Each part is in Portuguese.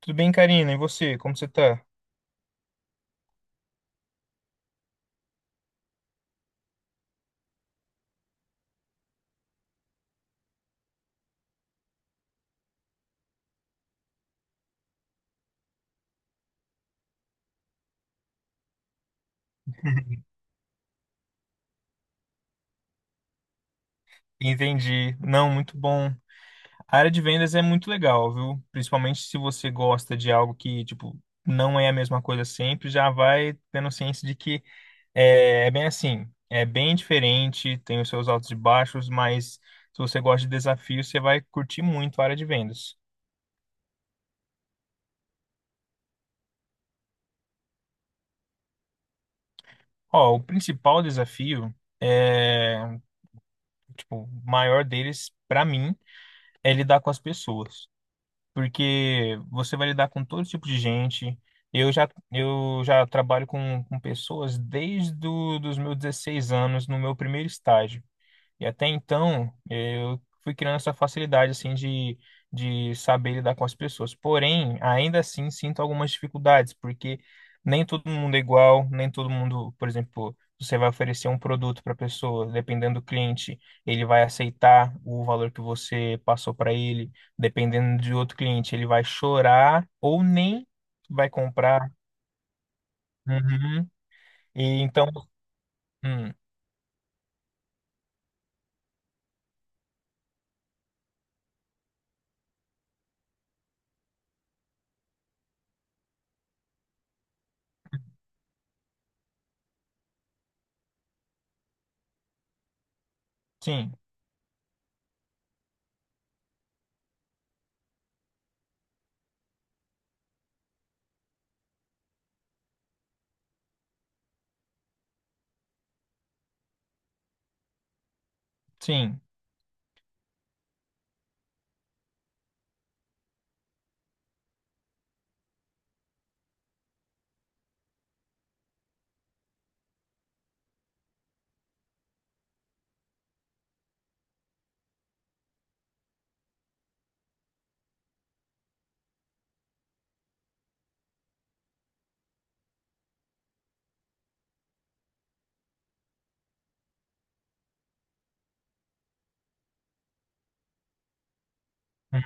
Tudo bem, Karina? E você? Como você tá? Entendi. Não, muito bom. A área de vendas é muito legal, viu? Principalmente se você gosta de algo que, tipo, não é a mesma coisa sempre, já vai tendo ciência de que é bem assim, é bem diferente, tem os seus altos e baixos, mas se você gosta de desafios, você vai curtir muito a área de vendas. Ó, o principal desafio é, tipo, o maior deles, pra mim, é lidar com as pessoas, porque você vai lidar com todo tipo de gente. Eu já trabalho com pessoas desde dos meus 16 anos, no meu primeiro estágio. E até então, eu fui criando essa facilidade, assim, de saber lidar com as pessoas. Porém, ainda assim, sinto algumas dificuldades, porque nem todo mundo é igual, nem todo mundo. Por exemplo, você vai oferecer um produto para a pessoa, dependendo do cliente, ele vai aceitar o valor que você passou para ele; dependendo de outro cliente, ele vai chorar ou nem vai comprar. Uhum. E então, hum, sim, sim. Hum.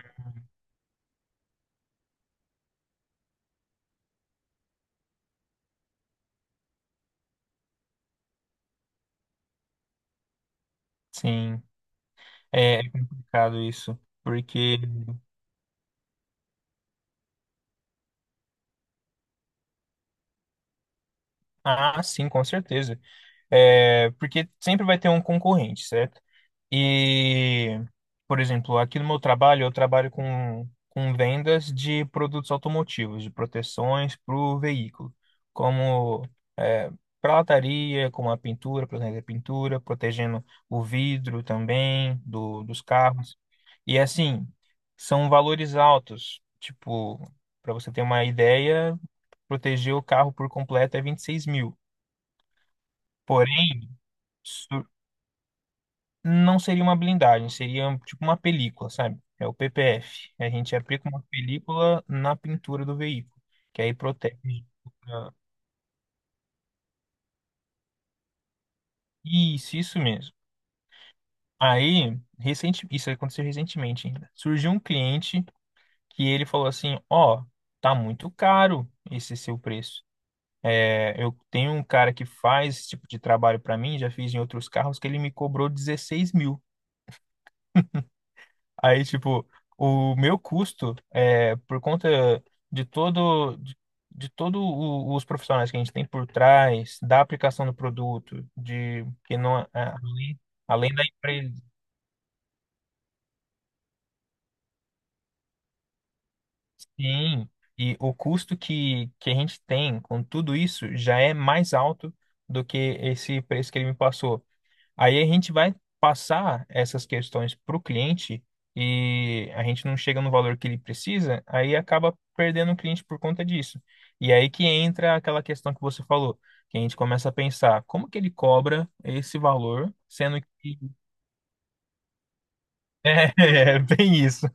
Sim. É complicado isso, porque. Ah, sim, com certeza. É, porque sempre vai ter um concorrente, certo? E, por exemplo, aqui no meu trabalho, eu trabalho com vendas de produtos automotivos, de proteções para o veículo, como é, prataria, como a pintura, protegendo o vidro também dos carros. E assim, são valores altos. Tipo, para você ter uma ideia, proteger o carro por completo é 26 mil. Porém, isso não seria uma blindagem, seria um, tipo uma película, sabe? É o PPF. A gente aplica uma película na pintura do veículo, que aí protege. Ah, isso mesmo. Aí, recente, isso aconteceu recentemente ainda. Surgiu um cliente que ele falou assim: "Ó, tá muito caro esse seu preço. É, eu tenho um cara que faz esse tipo de trabalho pra mim, já fiz em outros carros, que ele me cobrou 16 mil." Aí, tipo, o meu custo, por conta de todo, de todo os profissionais que a gente tem por trás, da aplicação do produto, de que não, além da empresa, sim, e o custo que a gente tem com tudo isso já é mais alto do que esse preço que ele me passou. Aí a gente vai passar essas questões para o cliente e a gente não chega no valor que ele precisa, aí acaba perdendo o cliente por conta disso. E aí que entra aquela questão que você falou, que a gente começa a pensar, como que ele cobra esse valor, sendo que... é, é bem isso.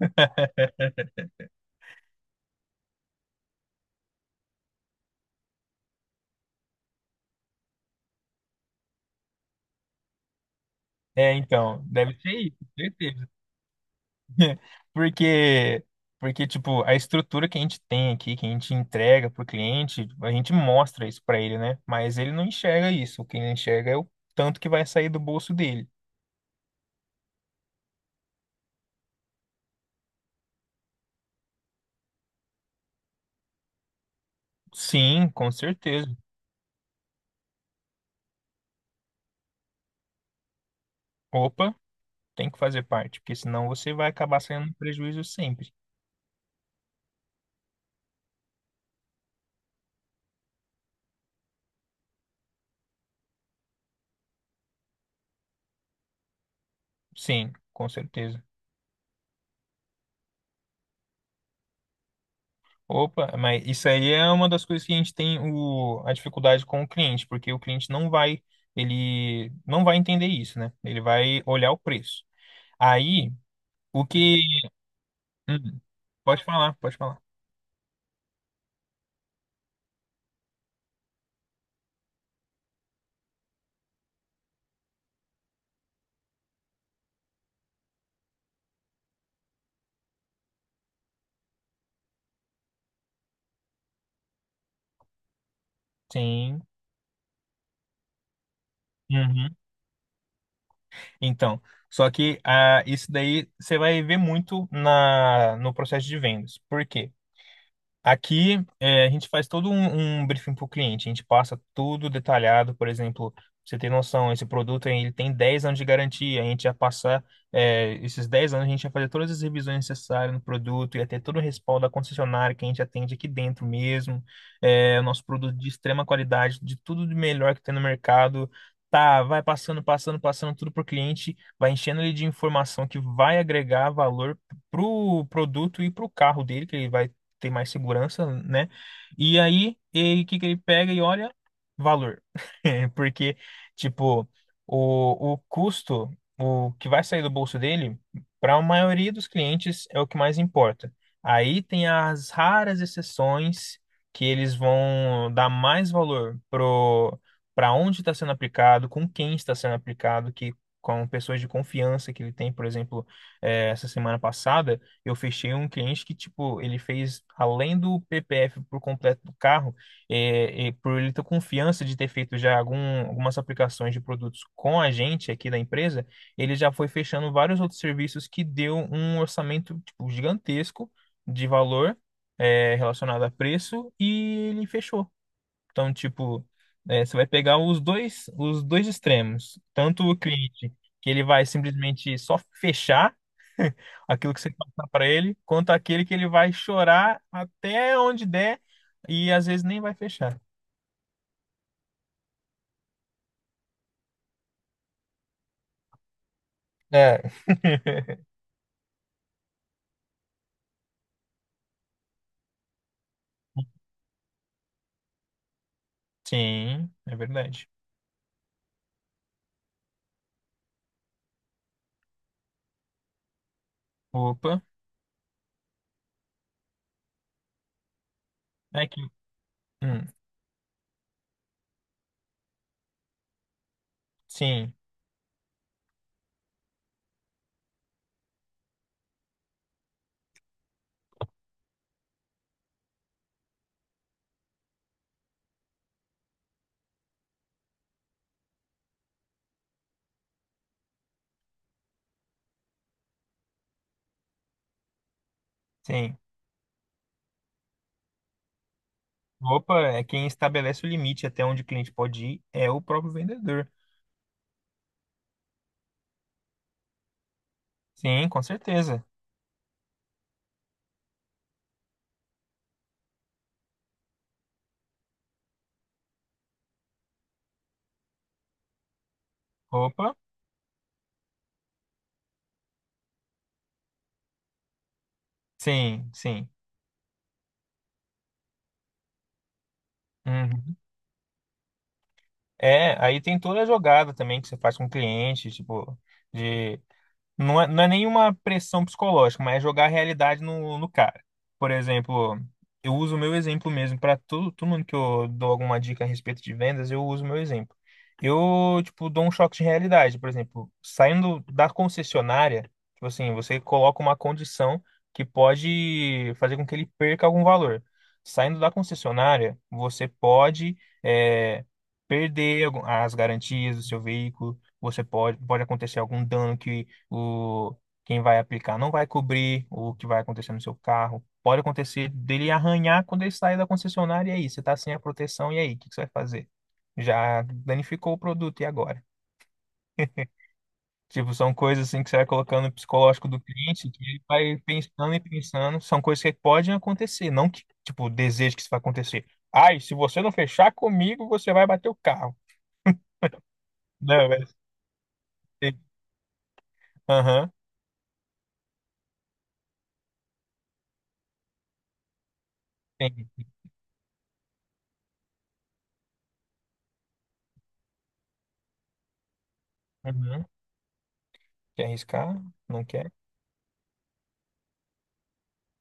É, então, deve ser isso, certeza. Porque, porque, tipo, a estrutura que a gente tem aqui, que a gente entrega pro cliente, a gente mostra isso pra ele, né? Mas ele não enxerga isso. O que ele enxerga é o tanto que vai sair do bolso dele. Sim, com certeza. Opa, tem que fazer parte, porque senão você vai acabar saindo no prejuízo sempre. Sim, com certeza. Opa, mas isso aí é uma das coisas que a gente tem o, a dificuldade com o cliente, porque o cliente não vai, ele não vai entender isso, né? Ele vai olhar o preço. Aí. O que. Hum, pode falar, pode falar. Sim. Uhum. Então, só que ah, isso daí você vai ver muito na, no processo de vendas. Por quê? Aqui, eh, a gente faz todo um briefing para o cliente, a gente passa tudo detalhado, por exemplo, pra você tem noção, esse produto ele tem 10 anos de garantia, a gente ia passar eh, esses 10 anos, a gente ia fazer todas as revisões necessárias no produto, ia ter todo o respaldo da concessionária que a gente atende aqui dentro mesmo, eh, o nosso produto de extrema qualidade, de tudo de melhor que tem no mercado, tá, vai passando, passando, passando tudo para o cliente, vai enchendo ele de informação que vai agregar valor pro produto e pro carro dele, que ele vai tem mais segurança, né? E aí, o que que ele pega e olha? Valor. Porque, tipo, o custo, o que vai sair do bolso dele, para a maioria dos clientes, é o que mais importa. Aí tem as raras exceções que eles vão dar mais valor pro para onde está sendo aplicado, com quem está sendo aplicado, que com pessoas de confiança que ele tem. Por exemplo, eh, essa semana passada eu fechei um cliente que, tipo, ele fez, além do PPF por completo do carro, por ele ter confiança de ter feito já algumas aplicações de produtos com a gente aqui da empresa, ele já foi fechando vários outros serviços que deu um orçamento, tipo, gigantesco de valor, é, relacionado a preço, e ele fechou. Então, tipo, é, você vai pegar os dois extremos. Tanto o cliente, que ele vai simplesmente só fechar aquilo que você passar para ele, quanto aquele que ele vai chorar até onde der e às vezes nem vai fechar. É, sim, é verdade. Opa, é que, hum, sim, sim. Opa, é quem estabelece o limite até onde o cliente pode ir é o próprio vendedor. Sim, com certeza. Opa, sim, sim. Uhum. É, aí tem toda a jogada também que você faz com o cliente, tipo, de não é, não é nenhuma pressão psicológica, mas é jogar a realidade no cara. Por exemplo, eu uso o meu exemplo mesmo. Para todo mundo que eu dou alguma dica a respeito de vendas, eu uso o meu exemplo. Eu, tipo, dou um choque de realidade. Por exemplo, saindo da concessionária, tipo assim, você coloca uma condição que pode fazer com que ele perca algum valor. Saindo da concessionária, você pode, é, perder as garantias do seu veículo, pode acontecer algum dano que o quem vai aplicar não vai cobrir o que vai acontecer no seu carro. Pode acontecer dele arranhar quando ele sair da concessionária, e aí você está sem a proteção, e aí, o que que você vai fazer? Já danificou o produto, e agora? Tipo, são coisas assim que você vai colocando no psicológico do cliente, que ele vai pensando e pensando, são coisas que podem acontecer, não que, tipo, desejo que isso vai acontecer. Ai, se você não fechar comigo, você vai bater o carro. Não, velho. Aham, tem. Uhum. Quer arriscar? Não quer?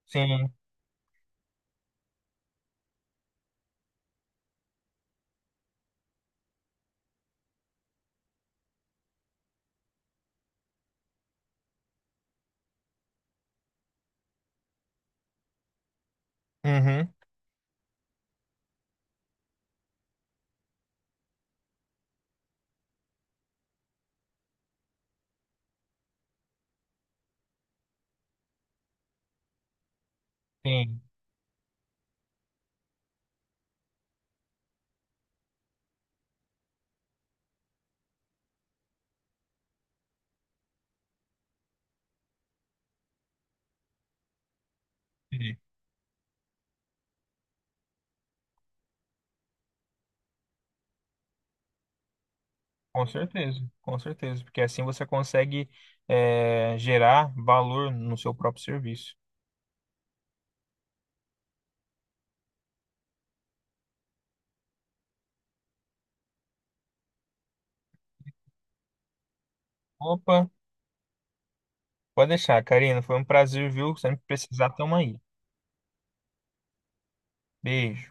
Sim. Uhum. Sim, sim. Com certeza, com certeza, porque assim você consegue eh, gerar valor no seu próprio serviço. Opa, pode deixar, Karina, foi um prazer, viu? Sempre precisar, tamo aí. Beijo.